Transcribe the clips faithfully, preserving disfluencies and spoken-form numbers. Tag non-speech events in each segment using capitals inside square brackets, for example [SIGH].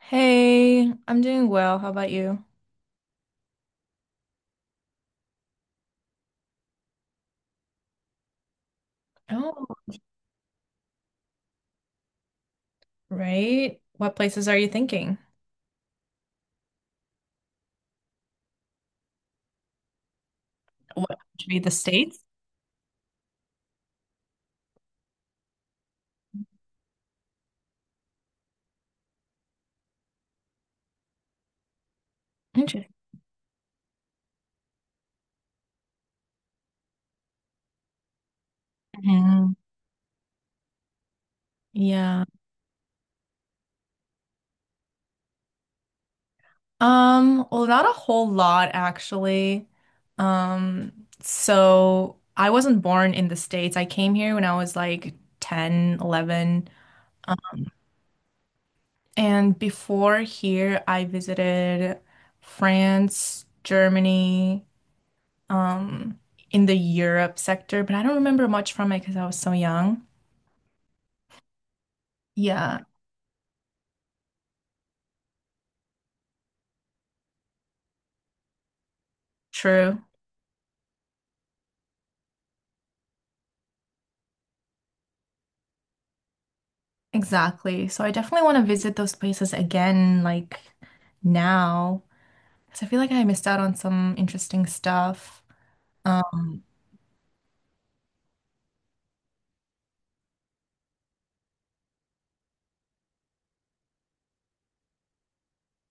Hey, I'm doing well. How about you? Oh, right. What places are you thinking? What should be the states? Interesting. Hmm. Yeah. Um, well, not a whole lot actually. Um, so I wasn't born in the States. I came here when I was like ten, eleven. Um, and before here, I visited France, Germany, um in the Europe sector, but I don't remember much from it because I was so young. Yeah, true. Exactly. So I definitely want to visit those places again, like now, because I feel like I missed out on some interesting stuff. Um,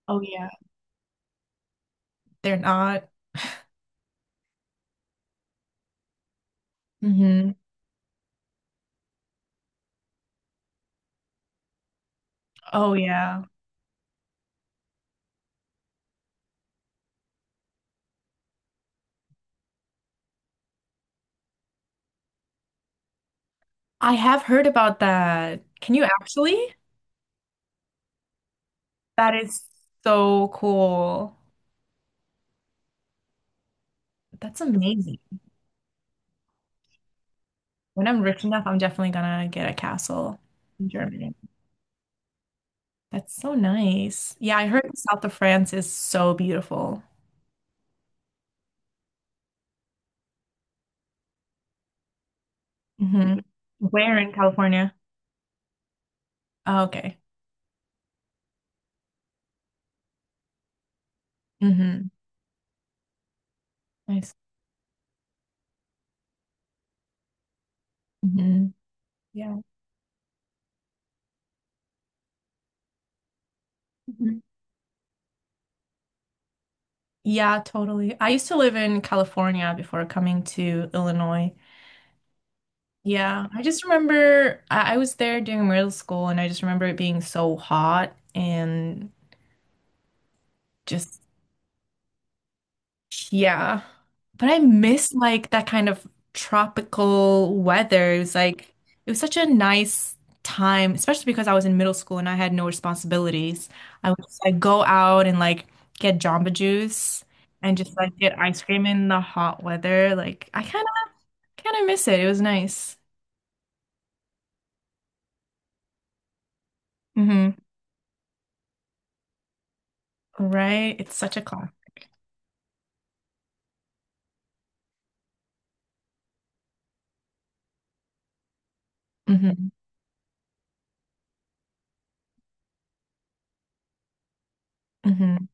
oh yeah, they're not. Hmm. Oh yeah. I have heard about that. Can you actually? That is so cool. That's amazing. When I'm rich enough, I'm definitely gonna get a castle in Germany. That's so nice. Yeah, I heard the south of France is so beautiful. Hmm. Where in California? Oh, okay. Hmm. Nice. Hmm. Yeah. Mhm. Yeah, totally. I used to live in California before coming to Illinois. Yeah, I just remember I, I was there during middle school, and I just remember it being so hot and just. Yeah. But I miss like that kind of tropical weather. It was like it was such a nice time, especially because I was in middle school and I had no responsibilities. I would just like go out and like get Jamba Juice and just like get ice cream in the hot weather. Like I kind of kind of miss it. It was nice. Hmm. Right? It's such a class. Hmm. Hmm.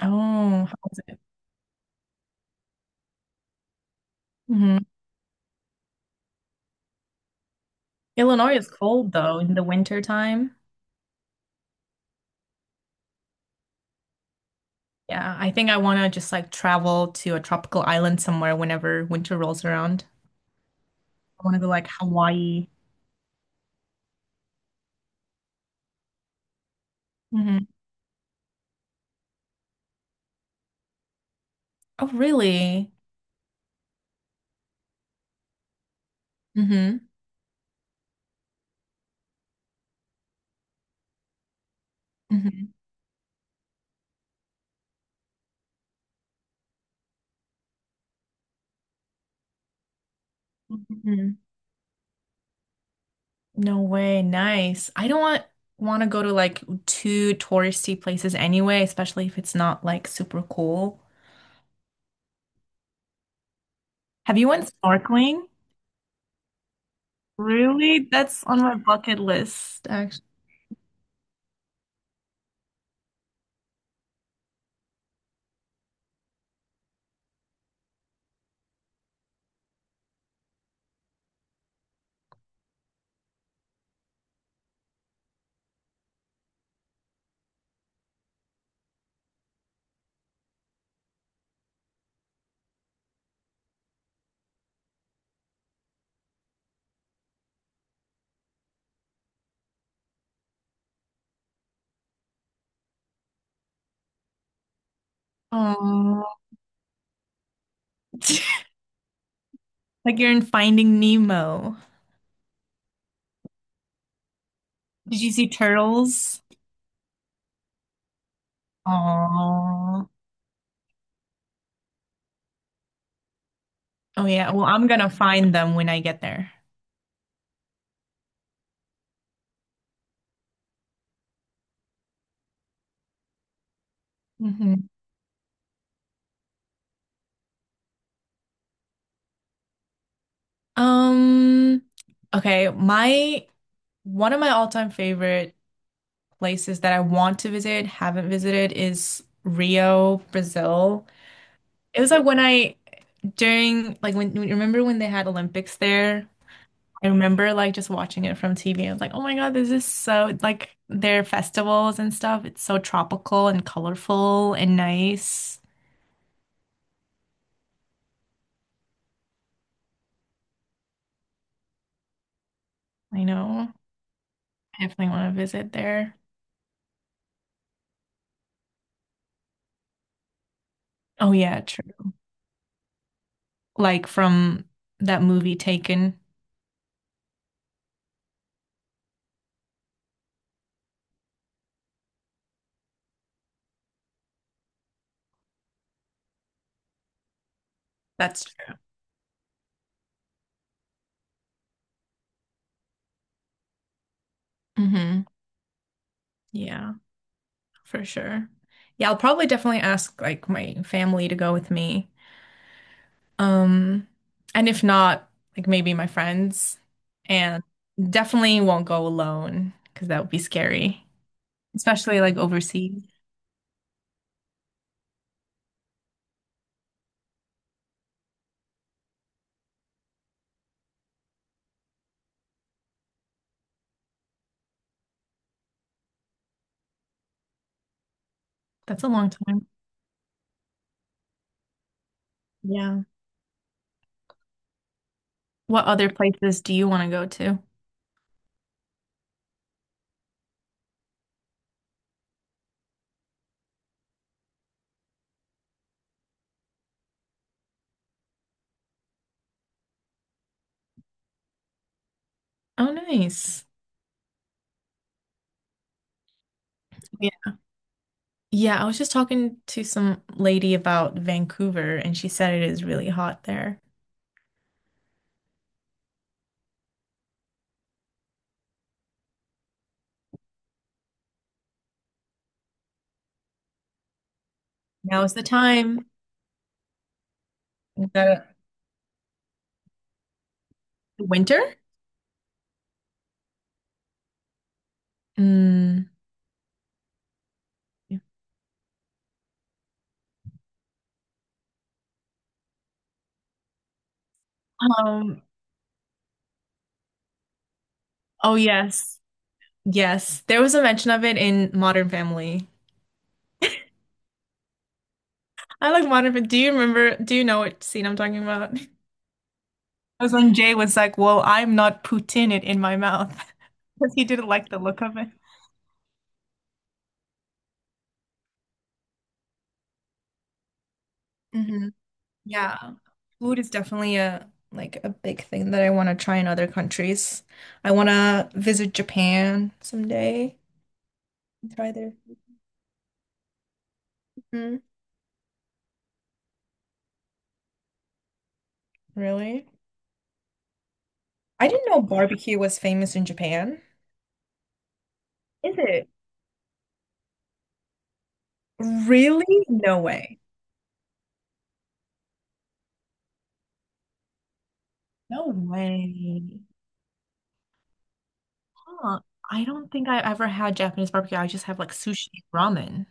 Oh, how was it? Hmm. Illinois is cold though in the winter time. Yeah, I think I want to just like travel to a tropical island somewhere whenever winter rolls around. I want to go like Hawaii. Hmm. Oh, really? Hmm. Hmm. Hmm. No way. Nice. I don't want want to go to like too touristy places anyway, especially if it's not like super cool. Have you went snorkeling? Really? That's on my bucket list, actually. Oh, [LAUGHS] like you're in Finding Nemo. Did you see turtles? Oh. Oh yeah. Well, I'm gonna find them when I get there. Hmm. Um, okay, my one of my all-time favorite places that I want to visit, haven't visited, is Rio, Brazil. It was like when I during like when when- remember when they had Olympics there? I remember like just watching it from T V. I was like, oh my God, this is so like their festivals and stuff. It's so tropical and colorful and nice. I know. I definitely want to visit there. Oh yeah, like from that movie Taken. That's true. Hmm. Yeah, for sure. Yeah, I'll probably definitely ask like my family to go with me. Um, and if not, like maybe my friends. And definitely won't go alone because that would be scary. Especially like overseas. That's a long time. Yeah. What other places do you want to go to? Oh, nice. Yeah. Yeah, I was just talking to some lady about Vancouver, and she said it is really hot there. Now is the time. You gotta. Winter? Mm, yeah. Um, oh yes. Yes. There was a mention of it in Modern Family. I like Modern Family. Do you remember, do you know what scene I'm talking about? [LAUGHS] That was when Jay was like, "Well, I'm not putting it in my mouth," [LAUGHS] because he didn't like the look of it. Hmm. Yeah. Food is definitely a like a big thing that I want to try in other countries. I want to visit Japan someday and try their. Mhm. Really? I didn't know barbecue was famous in Japan. Is it? Really? No way. No way. Huh. I don't think I ever had Japanese barbecue. I just have like sushi and ramen.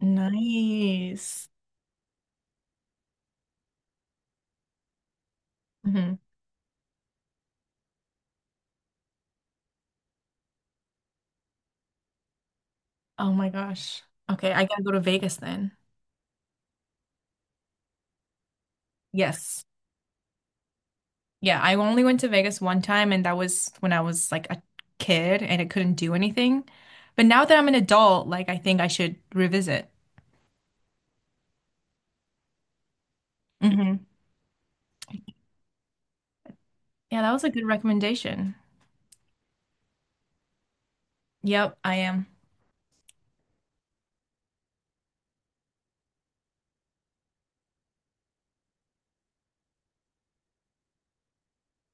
Nice. Hmm. Oh my gosh. Okay, I gotta go to Vegas then. Yes. Yeah, I only went to Vegas one time, and that was when I was like a kid and I couldn't do anything. But now that I'm an adult, like I think I should revisit. Hmm. Yeah, that was a good recommendation. Yep, I am.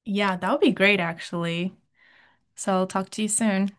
Yeah, that would be great actually. So I'll talk to you soon.